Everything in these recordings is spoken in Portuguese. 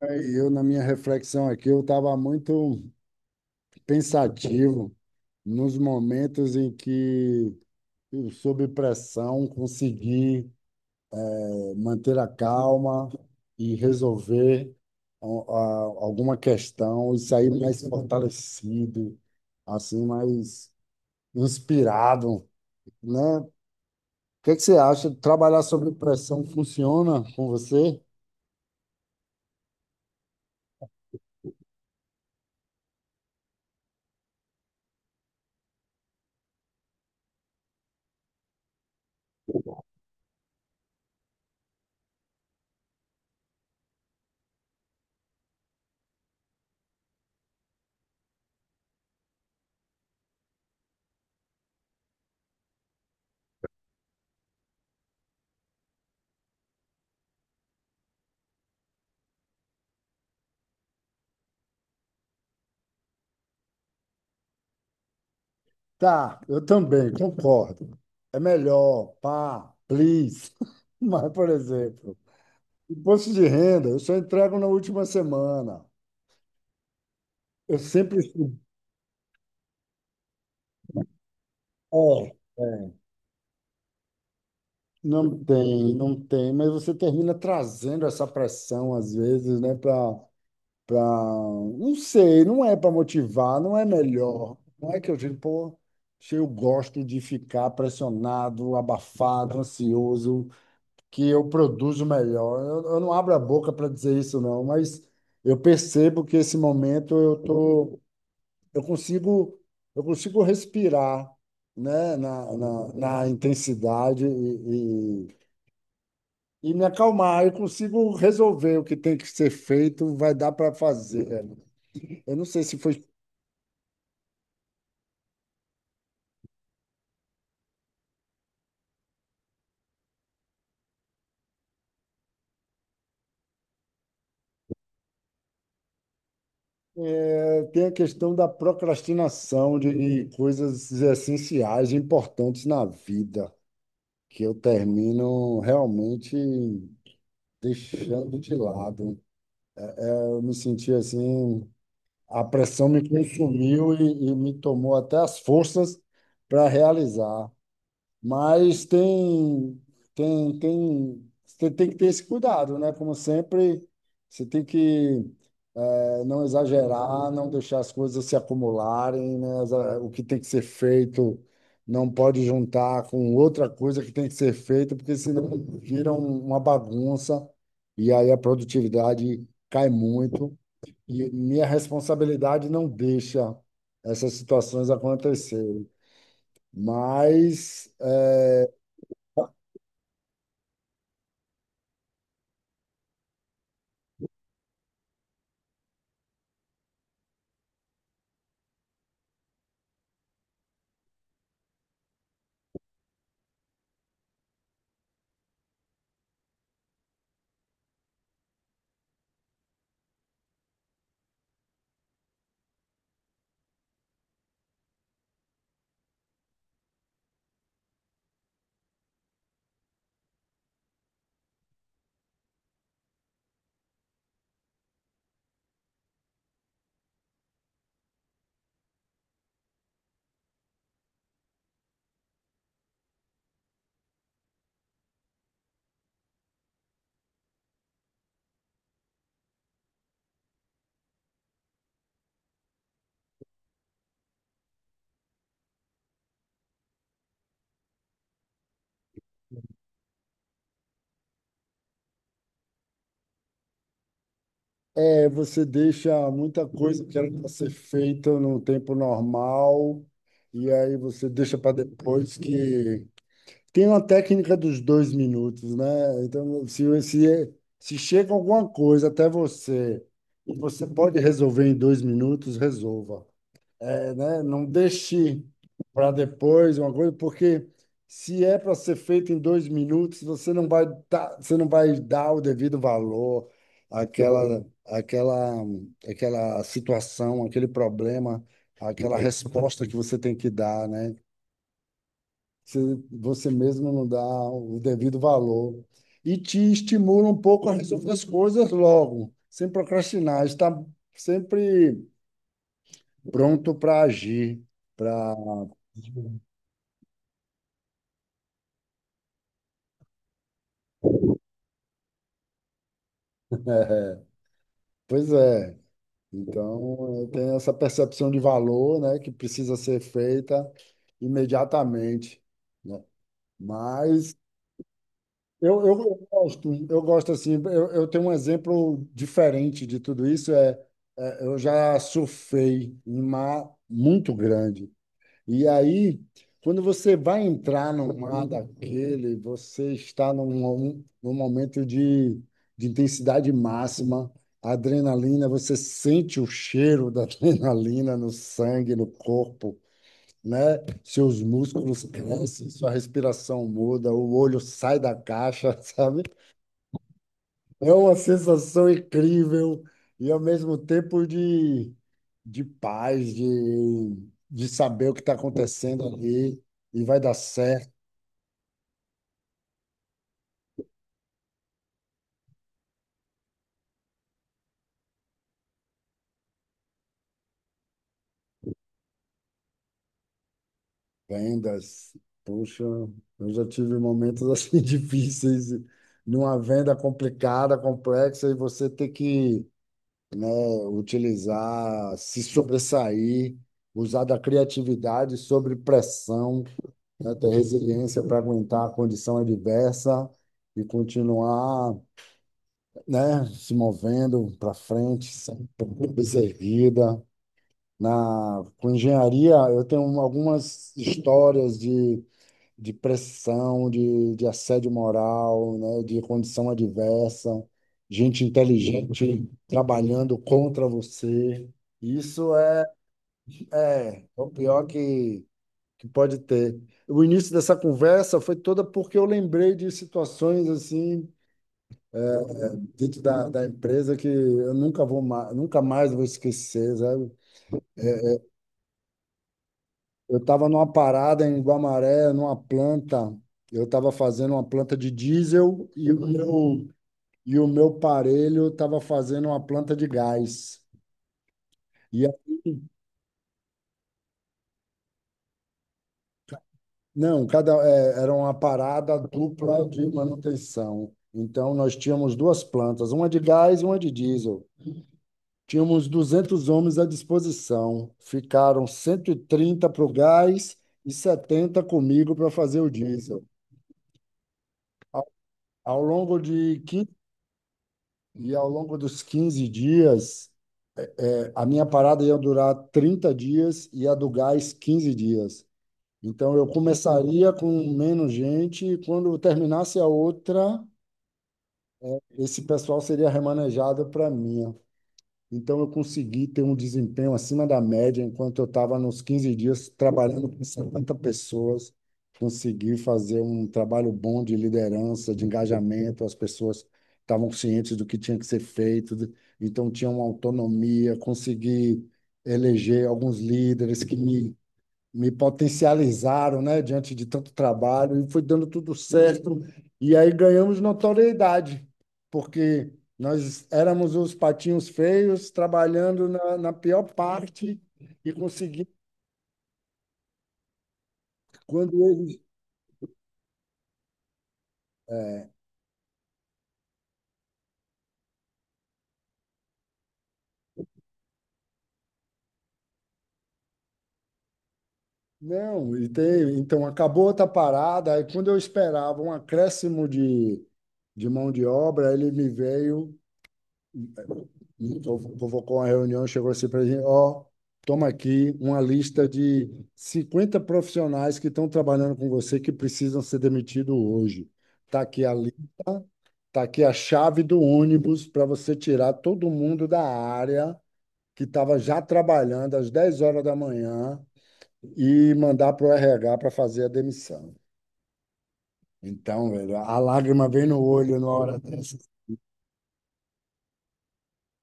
Eu, na minha reflexão aqui, eu estava muito pensativo nos momentos em que eu, sob pressão, consegui manter a calma e resolver al- a- alguma questão e sair mais fortalecido, assim, mais inspirado, né? O que é que você acha? Trabalhar sob pressão funciona com você? Tá, eu também concordo. É melhor, pá, please. Mas, por exemplo, imposto de renda, eu só entrego na última semana. Eu sempre. É, é. Não tem, não tem, mas você termina trazendo essa pressão, às vezes, né, para. Pra... pra- Não sei, não é para motivar, não é melhor. Não é que eu digo, pô, se eu gosto de ficar pressionado, abafado, ansioso. Que eu produzo melhor. Eu não abro a boca para dizer isso, não, mas eu percebo que esse momento eu tô, eu consigo, eu consigo respirar, né, na intensidade e me acalmar. Eu consigo resolver o que tem que ser feito, vai dar para fazer. Eu não sei se foi. É, tem a questão da procrastinação de coisas essenciais, importantes na vida, que eu termino realmente deixando de lado. Eu me senti assim, a pressão me consumiu e me tomou até as forças para realizar. Mas tem, você tem que ter esse cuidado, né? Como sempre, você tem que não exagerar, não deixar as coisas se acumularem, né? O que tem que ser feito não pode juntar com outra coisa que tem que ser feita, porque senão vira uma bagunça e aí a produtividade cai muito. E minha responsabilidade não deixa essas situações acontecerem. Mas eh, É, você deixa muita coisa que era para ser feita no tempo normal, e aí você deixa para depois que. Tem uma técnica dos dois minutos, né? Então, se chega alguma coisa até você, e você pode resolver em dois minutos, resolva. É, né? Não deixe para depois uma coisa, porque se é para ser feito em dois minutos, você não vai dar o devido valor àquela, àquela, àquela situação, àquele problema, àquela resposta que você tem que dar, né? Você, Você mesmo não dá o devido valor. E te estimula um pouco a resolver as coisas logo, sem procrastinar, está sempre pronto para agir. É, pois é. Então, eu tenho essa percepção de valor, né, que precisa ser feita imediatamente, né? Mas eu gosto, eu gosto assim, eu tenho um exemplo diferente de tudo isso, eu já surfei em mar muito grande. E aí, quando você vai entrar no mar daquele, você está num momento de intensidade máxima, adrenalina, você sente o cheiro da adrenalina no sangue, no corpo, né? Seus músculos crescem, sua respiração muda, o olho sai da caixa, sabe? É uma sensação incrível e ao mesmo tempo de paz, de saber o que está acontecendo ali e vai dar certo. Vendas, puxa, eu já tive momentos assim difíceis, numa venda complicada, complexa, e você ter que, né, utilizar, se sobressair, usar da criatividade sobre pressão. Né? Ter resiliência para aguentar a condição adversa e continuar, né, se movendo para frente, sempre cabeça erguida. Na, com engenharia, eu tenho algumas histórias de pressão, de assédio moral, né, de condição adversa, gente inteligente trabalhando contra você. Isso é, é o pior que pode ter. O início dessa conversa foi toda porque eu lembrei de situações assim dentro da, da empresa que eu nunca vou mais, nunca mais vou esquecer, sabe? Eu estava numa parada em Guamaré, numa planta, eu estava fazendo uma planta de diesel e o meu parelho estava fazendo uma planta de gás. E a- não, cada é, era uma parada dupla de manutenção. Então nós tínhamos duas plantas, uma de gás e uma de diesel. Tínhamos 200 homens à disposição. Ficaram 130 para o gás e 70 comigo para fazer o diesel. Ao, ao longo de 15, e ao longo dos 15 dias, a minha parada ia durar 30 dias e a do gás 15 dias. Então eu começaria com menos gente e quando terminasse a outra, esse pessoal seria remanejado para mim. Então, eu consegui ter um desempenho acima da média, enquanto eu estava nos 15 dias trabalhando com 50 pessoas. Consegui fazer um trabalho bom de liderança, de engajamento, as pessoas estavam cientes do que tinha que ser feito, de- então tinha uma autonomia. Consegui eleger alguns líderes que me potencializaram, né, diante de tanto trabalho, e foi dando tudo certo. E aí ganhamos notoriedade, porque nós éramos os patinhos feios, trabalhando na, na pior parte e conseguimos, quando eles. Não, então acabou outra parada, aí quando eu esperava um acréscimo de mão de obra, ele me veio. Então, convocou uma reunião, chegou assim para a gente, ó, toma aqui uma lista de 50 profissionais que estão trabalhando com você que precisam ser demitidos hoje. Tá aqui a, li- tá aqui a chave do ônibus para você tirar todo mundo da área que estava já trabalhando às 10 horas da manhã e mandar para o RH para fazer a demissão. Então, velho, a lágrima vem no olho na hora dessa.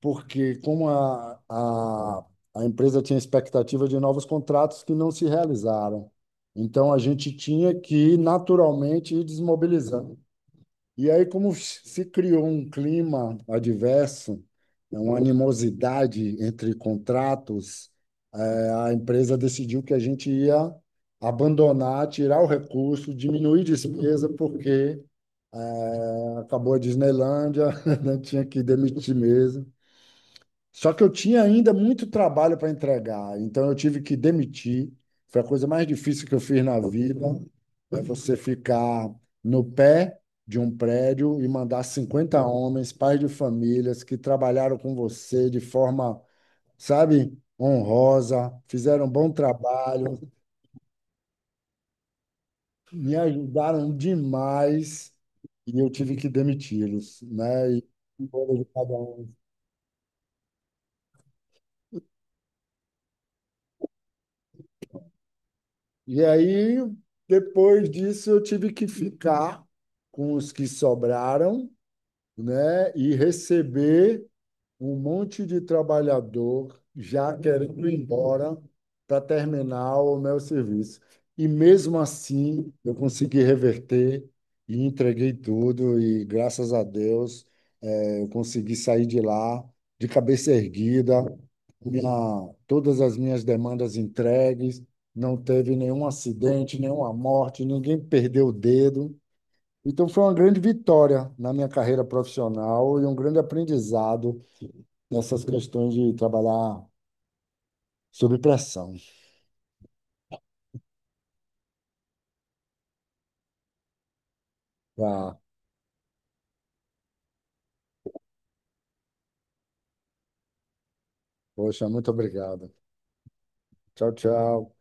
Porque como a empresa tinha expectativa de novos contratos que não se realizaram, então a gente tinha que naturalmente ir desmobilizando. E aí, como se criou um clima adverso, uma animosidade entre contratos, eh, a empresa decidiu que a gente ia abandonar, tirar o recurso, diminuir despesa, porque acabou a Disneylândia, né? Tinha que demitir mesmo. Só que eu tinha ainda muito trabalho para entregar, então eu tive que demitir. Foi a coisa mais difícil que eu fiz na vida. É você ficar no pé de um prédio e mandar 50 homens, pais de famílias, que trabalharam com você de forma, sabe, honrosa, fizeram um bom trabalho, me ajudaram demais e eu tive que demiti-los, né? E aí, depois disso, eu tive que ficar com os que sobraram, né? E receber um monte de trabalhador já querendo ir embora para terminar o meu serviço. E mesmo assim, eu consegui reverter e entreguei tudo, e graças a Deus. Eu consegui sair de lá de cabeça erguida, minha- todas as minhas demandas entregues, não teve nenhum acidente, nenhuma morte, ninguém perdeu o dedo. Então foi uma grande vitória na minha carreira profissional e um grande aprendizado nessas questões de trabalhar sob pressão. Tá. Poxa, muito obrigado. Tchau, tchau.